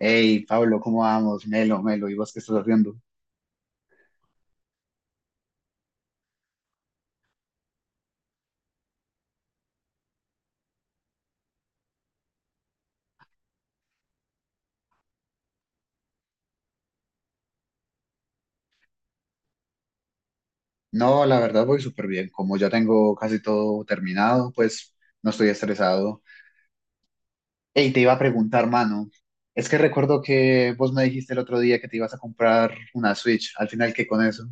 Hey, Pablo, ¿cómo vamos? Melo, Melo, ¿y vos qué estás haciendo? No, la verdad voy súper bien. Como ya tengo casi todo terminado, pues no estoy estresado. Hey, te iba a preguntar, mano. Es que recuerdo que vos me dijiste el otro día que te ibas a comprar una Switch. Al final, ¿qué con eso?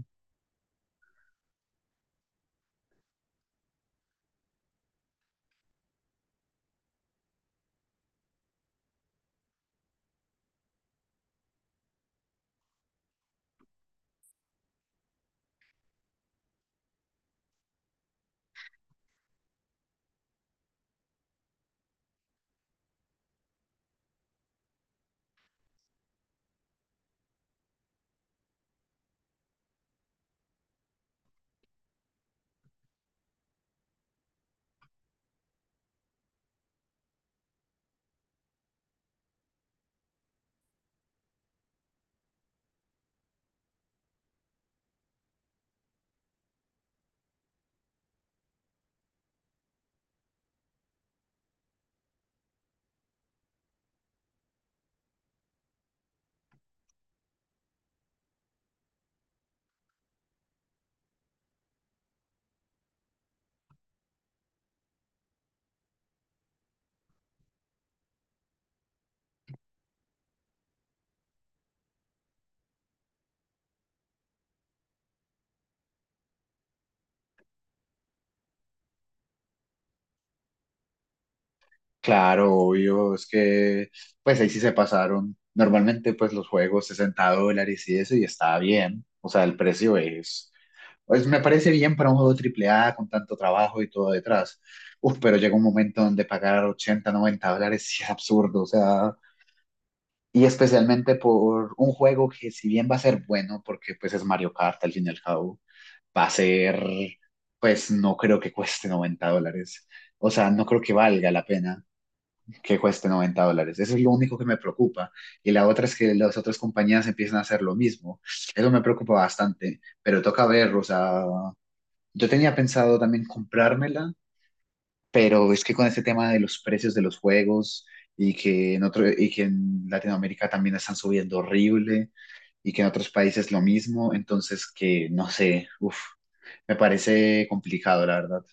Claro, obvio, es que pues ahí sí se pasaron. Normalmente pues los juegos 60 dólares y eso y está bien. O sea, el precio es, pues me parece bien para un juego triple A con tanto trabajo y todo detrás. Uf, pero llega un momento donde pagar 80, 90 dólares sí es absurdo, o sea, y especialmente por un juego que si bien va a ser bueno, porque pues es Mario Kart al fin y al cabo, va a ser, pues no creo que cueste 90 dólares. O sea, no creo que valga la pena que cueste 90 dólares. Eso es lo único que me preocupa. Y la otra es que las otras compañías empiezan a hacer lo mismo. Eso me preocupa bastante, pero toca ver, o sea, yo tenía pensado también comprármela, pero es que con este tema de los precios de los juegos y que en Latinoamérica también están subiendo horrible y que en otros países lo mismo, entonces que no sé, uff, me parece complicado, la verdad.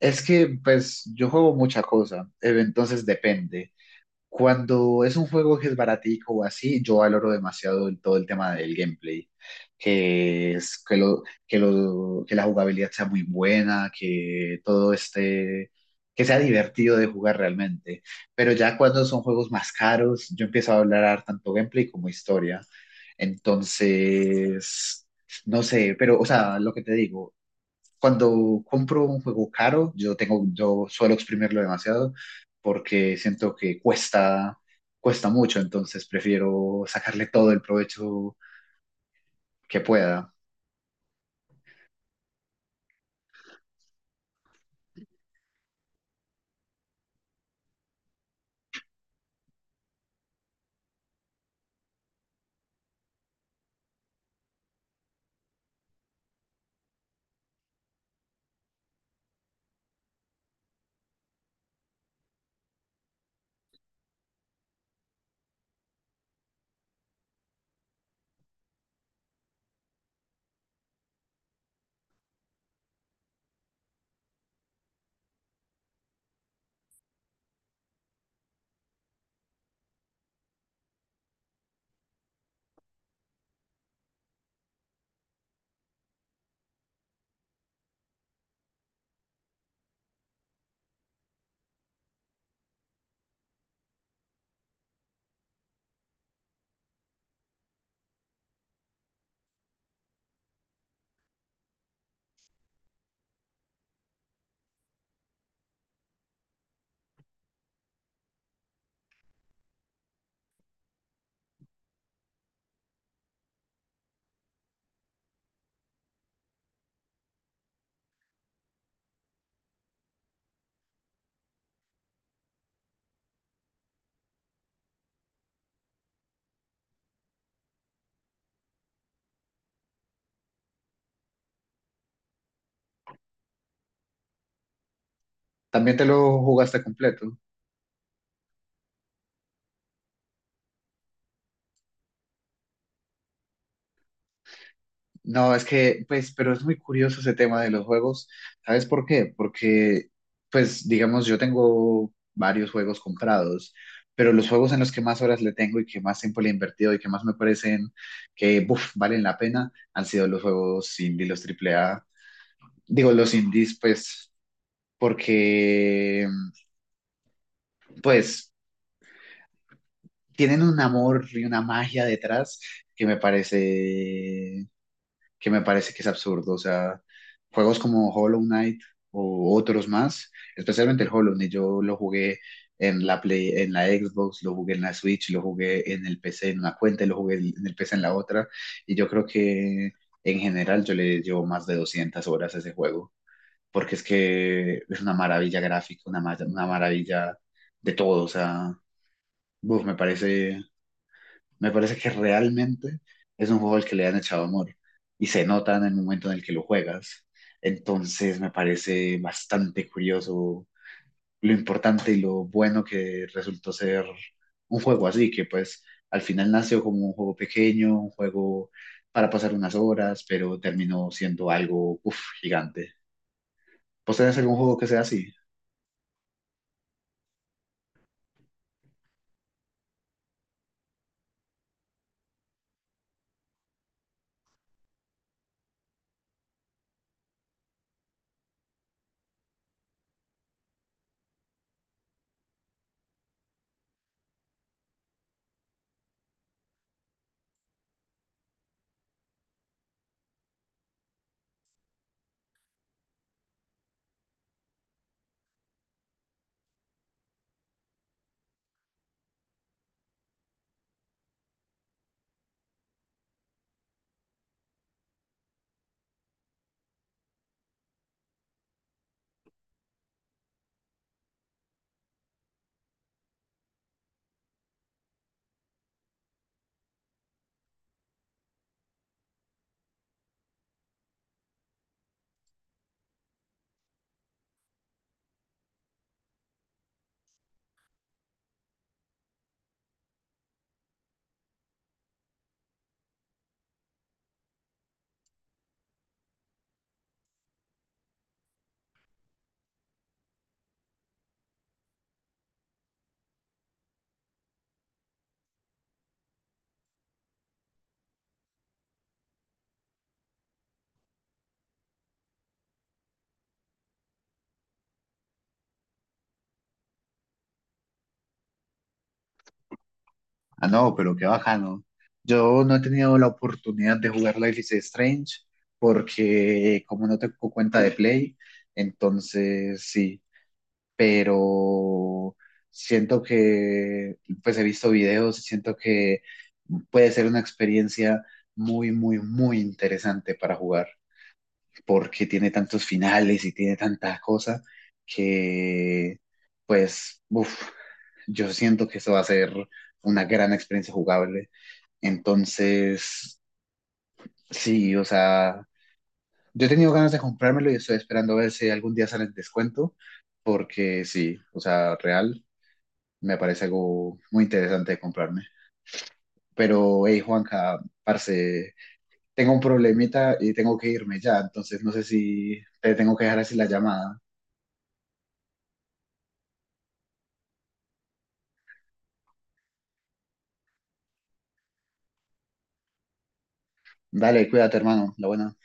Es que pues yo juego mucha cosa, entonces depende. Cuando es un juego que es baratico o así, yo valoro demasiado todo el tema del gameplay, que es que lo, que lo, que la jugabilidad sea muy buena, que todo esté, que sea divertido de jugar realmente. Pero ya cuando son juegos más caros, yo empiezo a hablar tanto gameplay como historia. Entonces, no sé, pero, o sea, lo que te digo cuando compro un juego caro, yo suelo exprimirlo demasiado porque siento que cuesta, cuesta mucho, entonces prefiero sacarle todo el provecho que pueda. ¿También te lo jugaste completo? No, es que, pues, pero es muy curioso ese tema de los juegos. ¿Sabes por qué? Porque, pues, digamos, yo tengo varios juegos comprados, pero los juegos en los que más horas le tengo y que más tiempo le he invertido y que más me parecen que, buf, valen la pena, han sido los juegos indie, los triple A. Digo, los indies, pues, porque, pues, tienen un amor y una magia detrás que me parece que es absurdo. O sea, juegos como Hollow Knight o otros más, especialmente el Hollow Knight, yo lo jugué en la Play, en la Xbox, lo jugué en la Switch, lo jugué en el PC en una cuenta, y lo jugué en el PC en la otra, y yo creo que en general yo le llevo más de 200 horas a ese juego, porque es que es una maravilla gráfica, una maravilla de todo, o sea, uf, me parece que realmente es un juego al que le han echado amor y se nota en el momento en el que lo juegas. Entonces me parece bastante curioso lo importante y lo bueno que resultó ser un juego así, que pues al final nació como un juego pequeño, un juego para pasar unas horas, pero terminó siendo algo uf, gigante. ¿Vos tenés algún juego que sea así? Ah, no, pero qué bacano. Yo no he tenido la oportunidad de jugar Life is Strange porque como no tengo cuenta de Play, entonces sí, pero siento que, pues he visto videos y siento que puede ser una experiencia muy, muy, muy interesante para jugar porque tiene tantos finales y tiene tanta cosa que, pues, uf, yo siento que eso va a ser una gran experiencia jugable. Entonces, sí, o sea, yo he tenido ganas de comprármelo y estoy esperando a ver si algún día sale el descuento, porque sí, o sea, real, me parece algo muy interesante de comprarme. Pero, hey, Juanca, parce, tengo un problemita y tengo que irme ya, entonces no sé si te tengo que dejar así la llamada. Dale, cuídate, hermano, la buena.